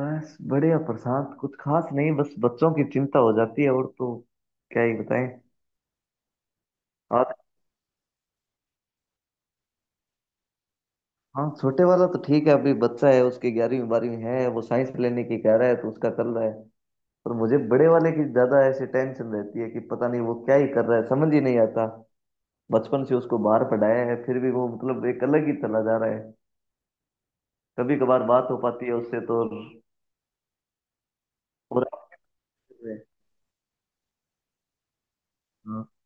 बस बढ़िया प्रशांत, कुछ खास नहीं। बस बच्चों की चिंता हो जाती है, और तो क्या ही बताएं। हाँ। हाँ, छोटे वाला तो ठीक है, अभी बच्चा है। उसके 11वीं 12वीं है, वो साइंस लेने की कह रहा है तो उसका कर रहा है। पर मुझे बड़े वाले की ज्यादा ऐसी टेंशन रहती है कि पता नहीं वो क्या ही कर रहा है, समझ ही नहीं आता। बचपन से उसको बाहर पढ़ाया है, फिर भी वो मतलब एक अलग ही चला जा रहा है। कभी कभार बात हो पाती है उससे तो। और और-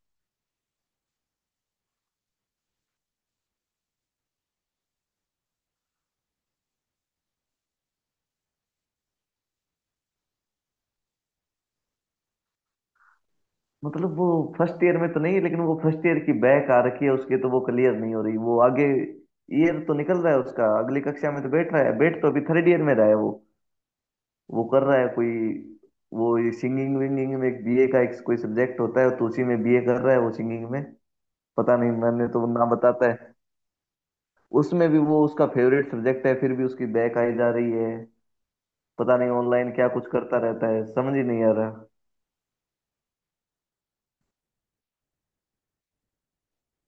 मतलब वो फर्स्ट ईयर में तो नहीं है, लेकिन वो फर्स्ट ईयर की बैक आ रखी है उसके, तो वो क्लियर नहीं हो रही। वो आगे ईयर तो निकल रहा है उसका, अगली कक्षा में तो बैठ रहा है। बैठ तो अभी थर्ड ईयर में रहा है वो। वो कर रहा है कोई, वो सिंगिंग विंगिंग में एक बीए का एक कोई सब्जेक्ट होता है, तो उसी में बीए कर रहा है वो सिंगिंग में। पता नहीं, मैंने तो ना बताता है। उसमें भी वो उसका फेवरेट सब्जेक्ट है, फिर भी उसकी बैक आई जा रही है। पता नहीं ऑनलाइन क्या कुछ करता रहता है, समझ ही नहीं आ रहा।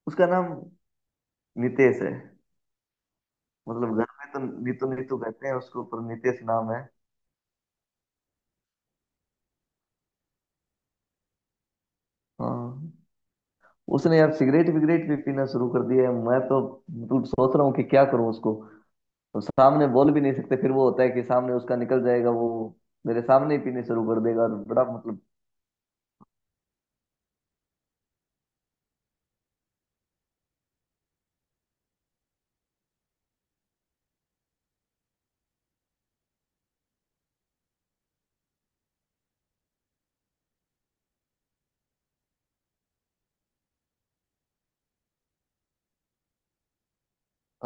उसका नाम नितेश है। मतलब घर में तो नीतू नीतू कहते हैं उसको, पर नितेश नाम है। हाँ। उसने यार सिगरेट विगरेट भी पीना शुरू कर दिया है, मैं तो मतलब सोच रहा हूँ कि क्या करूँ उसको। तो सामने बोल भी नहीं सकते, फिर वो होता है कि सामने उसका निकल जाएगा वो। मेरे सामने ही पीने शुरू कर देगा, और बड़ा मतलब।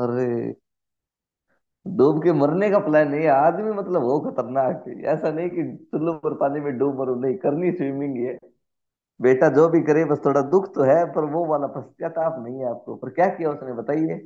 अरे डूब के मरने का प्लान है ये आदमी, मतलब वो खतरनाक है ऐसा नहीं कि चुल्लू पर पानी में डूब मरो। नहीं करनी स्विमिंग है। बेटा जो भी करे, बस थोड़ा दुख तो है, पर वो वाला पश्चाताप नहीं है आपको। पर क्या किया उसने, बताइए।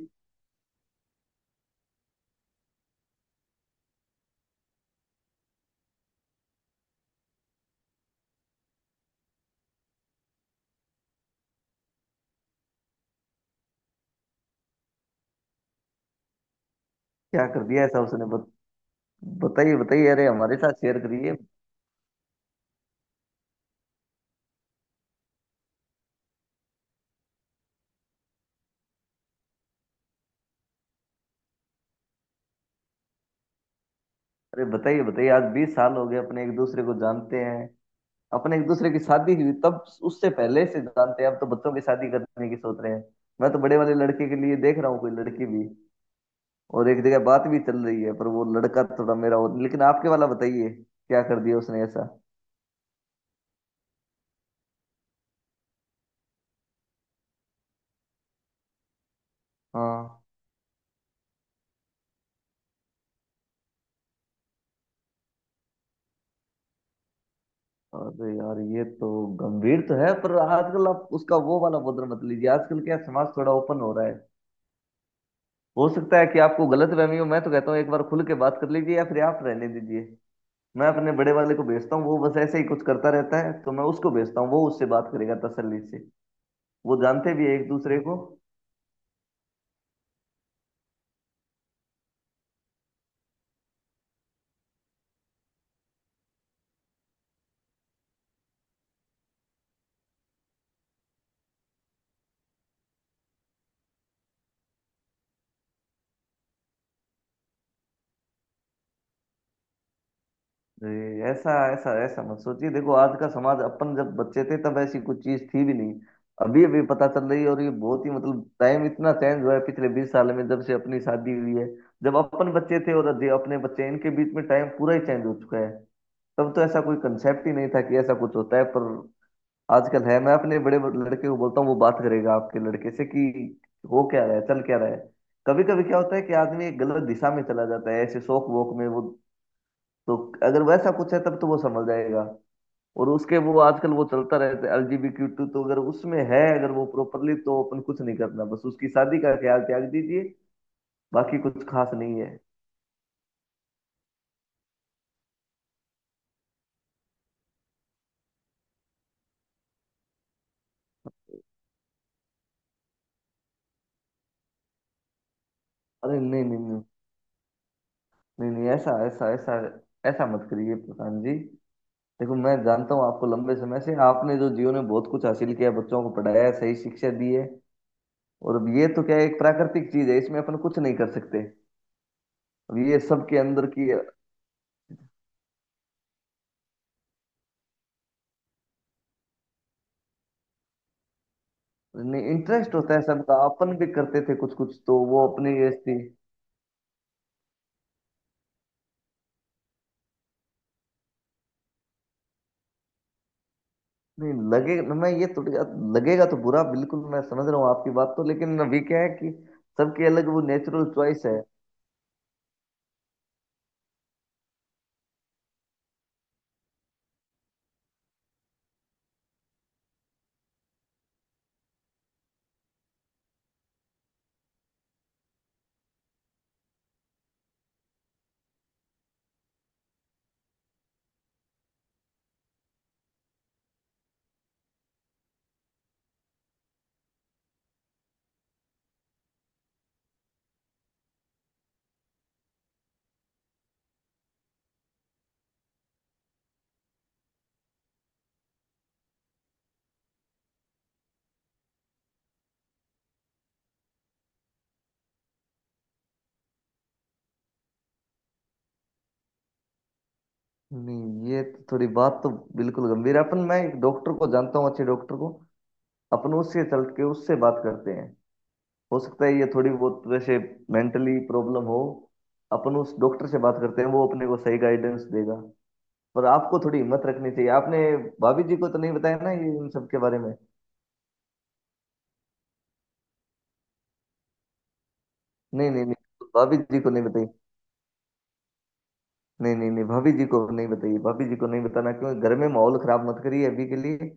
क्या कर दिया ऐसा उसने? बताइए बताइए, अरे हमारे साथ शेयर करिए। अरे बताइए बताइए, आज 20 साल हो गए अपने एक दूसरे को जानते हैं। अपने एक दूसरे की शादी हुई तब, उससे पहले से जानते हैं। अब तो बच्चों की शादी करने की सोच रहे हैं। मैं तो बड़े वाले लड़के के लिए देख रहा हूँ कोई लड़की भी। और एक जगह बात भी चल रही है, पर वो लड़का थोड़ा मेरा, और लेकिन आपके वाला बताइए, क्या कर दिया उसने ऐसा? हाँ। अरे यार, ये तो गंभीर तो है, पर आजकल आप उसका वो वाला बदल मत लीजिए, आजकल क्या समाज थोड़ा ओपन हो रहा है। हो सकता है कि आपको गलत फहमी हो। मैं तो कहता हूँ एक बार खुल के बात कर लीजिए, या फिर आप रहने दीजिए। मैं अपने बड़े वाले को भेजता हूँ, वो बस ऐसे ही कुछ करता रहता है, तो मैं उसको भेजता हूँ। वो उससे बात करेगा तसल्ली से। वो जानते भी है एक दूसरे को। जी, ऐसा ऐसा ऐसा मत सोचिए। देखो आज का समाज, अपन जब बच्चे थे तब ऐसी कुछ चीज थी भी नहीं। अभी अभी पता चल रही है, और ये बहुत ही मतलब टाइम इतना चेंज हुआ है पिछले 20 साल में, जब से अपनी शादी हुई है। जब अपन बच्चे थे और जो अपने बच्चे, इनके बीच में टाइम पूरा ही चेंज हो चुका है। तब तो ऐसा कोई कंसेप्ट ही नहीं था कि ऐसा कुछ होता है, पर आजकल है। मैं अपने बड़े लड़के को बोलता हूँ, वो बात करेगा आपके लड़के से कि हो क्या रहा है चल क्या रहा है। कभी कभी क्या होता है कि आदमी एक गलत दिशा में चला जाता है ऐसे शौक वोक में वो। तो अगर वैसा कुछ है तब तो वो समझ जाएगा। और उसके वो आजकल वो चलता रहता है एलजीबीक्यू टू, तो अगर उसमें है, अगर वो प्रॉपरली, तो अपन कुछ नहीं करना, बस उसकी शादी का ख्याल त्याग दीजिए। बाकी कुछ खास नहीं है। अरे नहीं नहीं नहीं। नहीं नहीं, ऐसा ऐसा ऐसा ऐसा मत करिए प्रधान जी। देखो, मैं जानता हूँ आपको लंबे समय से, आपने जो जीवन में बहुत कुछ हासिल किया, बच्चों को पढ़ाया है, सही शिक्षा दी है। और अब ये तो क्या है, एक प्राकृतिक चीज है, इसमें अपन कुछ नहीं कर सकते। अब ये सबके अंदर की। नहीं, इंटरेस्ट होता है सबका, अपन भी करते थे कुछ कुछ, तो वो अपनी एज थी। नहीं लगेगा, मैं ये थोड़ी। लगेगा तो बुरा बिल्कुल, मैं समझ रहा हूँ आपकी बात, तो लेकिन अभी क्या है कि सबकी अलग वो नेचुरल चॉइस है। नहीं, ये तो थोड़ी बात तो बिल्कुल गंभीर है। अपन, मैं एक डॉक्टर को जानता हूँ, अच्छे डॉक्टर को। अपन उससे चल के उससे बात करते हैं। हो सकता है ये थोड़ी बहुत वैसे मेंटली प्रॉब्लम हो। अपन उस डॉक्टर से बात करते हैं, वो अपने को सही गाइडेंस देगा। पर आपको थोड़ी हिम्मत रखनी चाहिए। आपने भाभी जी को तो नहीं बताया ना ये, इन सब के बारे में? नहीं नहीं नहीं, भाभी जी को नहीं बताई। नहीं नहीं नहीं, भाभी जी को नहीं बताइए, भाभी जी को नहीं बताना, क्योंकि घर में माहौल खराब मत करिए अभी के लिए।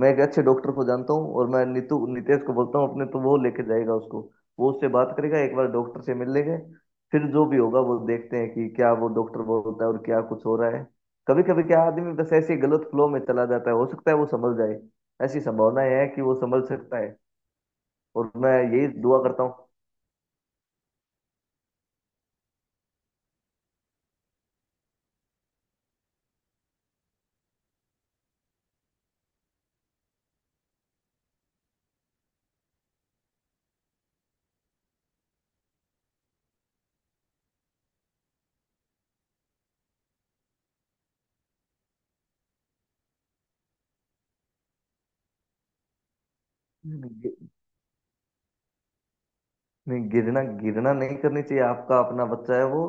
मैं एक अच्छे डॉक्टर को जानता हूँ, और मैं नीतू नितेश को बोलता हूँ अपने, तो वो लेके जाएगा उसको। वो उससे बात करेगा, एक बार डॉक्टर से मिल लेंगे। फिर जो भी होगा वो देखते हैं कि क्या वो डॉक्टर बोलता है और क्या कुछ हो रहा है। कभी कभी क्या, आदमी बस ऐसे ही गलत फ्लो में चला जाता है, हो सकता है वो समझ जाए। ऐसी संभावनाएं है कि वो समझ सकता है। और मैं यही दुआ करता हूँ कि नहीं, गिरना गिरना नहीं करनी चाहिए। आपका अपना बच्चा है वो।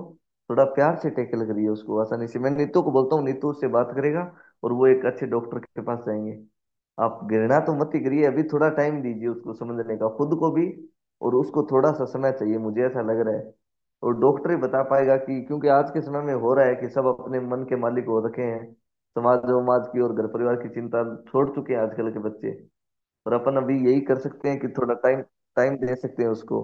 थोड़ा प्यार से टैकल करिए उसको आसानी से। मैं नीतू को बोलता हूँ, नीतू उससे बात करेगा। और वो एक अच्छे डॉक्टर के पास जाएंगे। आप गिरना तो मत ही करिए। अभी थोड़ा टाइम दीजिए उसको समझने का, खुद को भी। और उसको थोड़ा सा समय चाहिए, मुझे ऐसा लग रहा है। और डॉक्टर ही बता पाएगा कि, क्योंकि आज के समय में हो रहा है कि सब अपने मन के मालिक हो रखे हैं। समाज उमाज की और घर परिवार की चिंता छोड़ चुके हैं आजकल के बच्चे। और अपन अभी यही कर सकते हैं कि थोड़ा टाइम, टाइम दे सकते हैं उसको।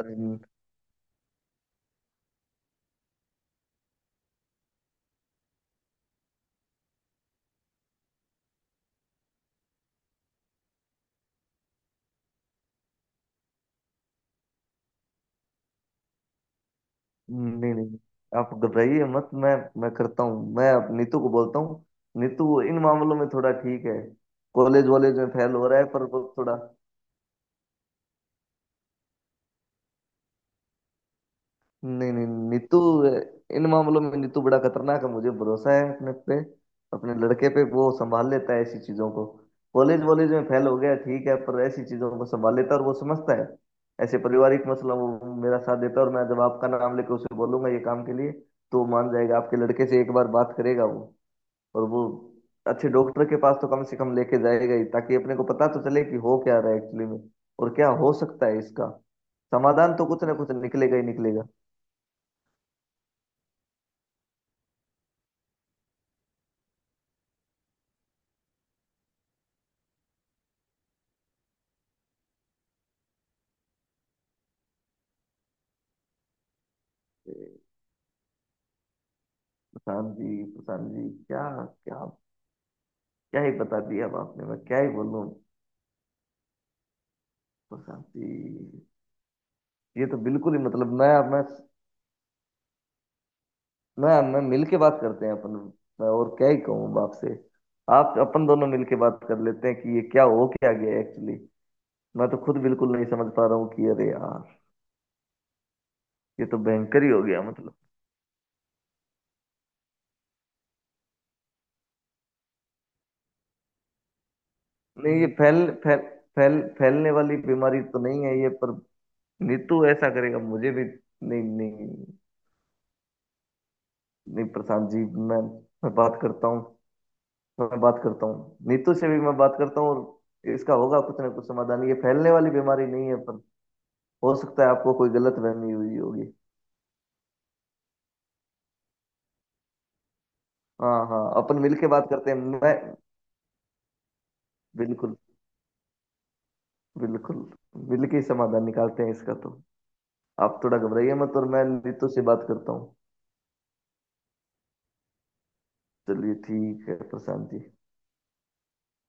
अरे न- नहीं नहीं, आप घबराइए मत। मैं करता हूँ, मैं अब नीतू को बोलता हूँ। नीतू इन मामलों में थोड़ा ठीक है, कॉलेज वॉलेज में फेल हो रहा है, पर वो थोड़ा। नहीं नहीं नीतू, इन मामलों में नीतू बड़ा खतरनाक है, मुझे भरोसा है अपने पे, अपने लड़के पे। वो संभाल लेता है ऐसी चीजों को, कॉलेज वॉलेज में फेल हो गया ठीक है, पर ऐसी चीजों को संभाल लेता है और वो समझता है। ऐसे पारिवारिक मसला वो मेरा साथ देता है, और मैं जब आपका नाम लेकर उसे बोलूंगा ये काम के लिए, तो वो मान जाएगा। आपके लड़के से एक बार बात करेगा वो। और वो अच्छे डॉक्टर के पास तो कम से कम लेके जाएगा ही, ताकि अपने को पता तो चले कि हो क्या रहा है एक्चुअली में, और क्या हो सकता है इसका। समाधान तो कुछ ना कुछ निकलेगा ही निकलेगा। प्रशांत जी, प्रशांत जी, क्या क्या क्या ही बता दिया अब आपने, मैं क्या ही बोलूं। प्रशांत जी, ये तो बिल्कुल ही मतलब, मैं मिल के बात करते हैं अपन। मैं और क्या ही कहूँ बाप से। आप अपन दोनों मिल के बात कर लेते हैं कि ये क्या हो क्या गया एक्चुअली। मैं तो खुद बिल्कुल नहीं समझ पा रहा हूँ कि, अरे यार, ये तो भयंकर ही हो गया मतलब। नहीं, ये फैल फैल फैल फैलने वाली बीमारी तो नहीं है ये, पर नीतू ऐसा करेगा मुझे भी नहीं, नहीं। नहीं, प्रशांत जी, मैं मैं बात करता हूँ। मैं बात करता हूँ नीतू से भी, मैं बात करता हूँ, और इसका होगा कुछ ना कुछ समाधान। ये फैलने वाली बीमारी नहीं है, पर हो सकता है आपको कोई गलत फहमी हुई होगी। हाँ हाँ, अपन मिल के बात करते हैं, मैं। बिल्कुल। बिल्कुल। मिल के ही समाधान निकालते हैं इसका तो। आप थोड़ा घबराइए मत, और मैं नीतू से बात करता हूँ। चलिए, ठीक है प्रशांत जी।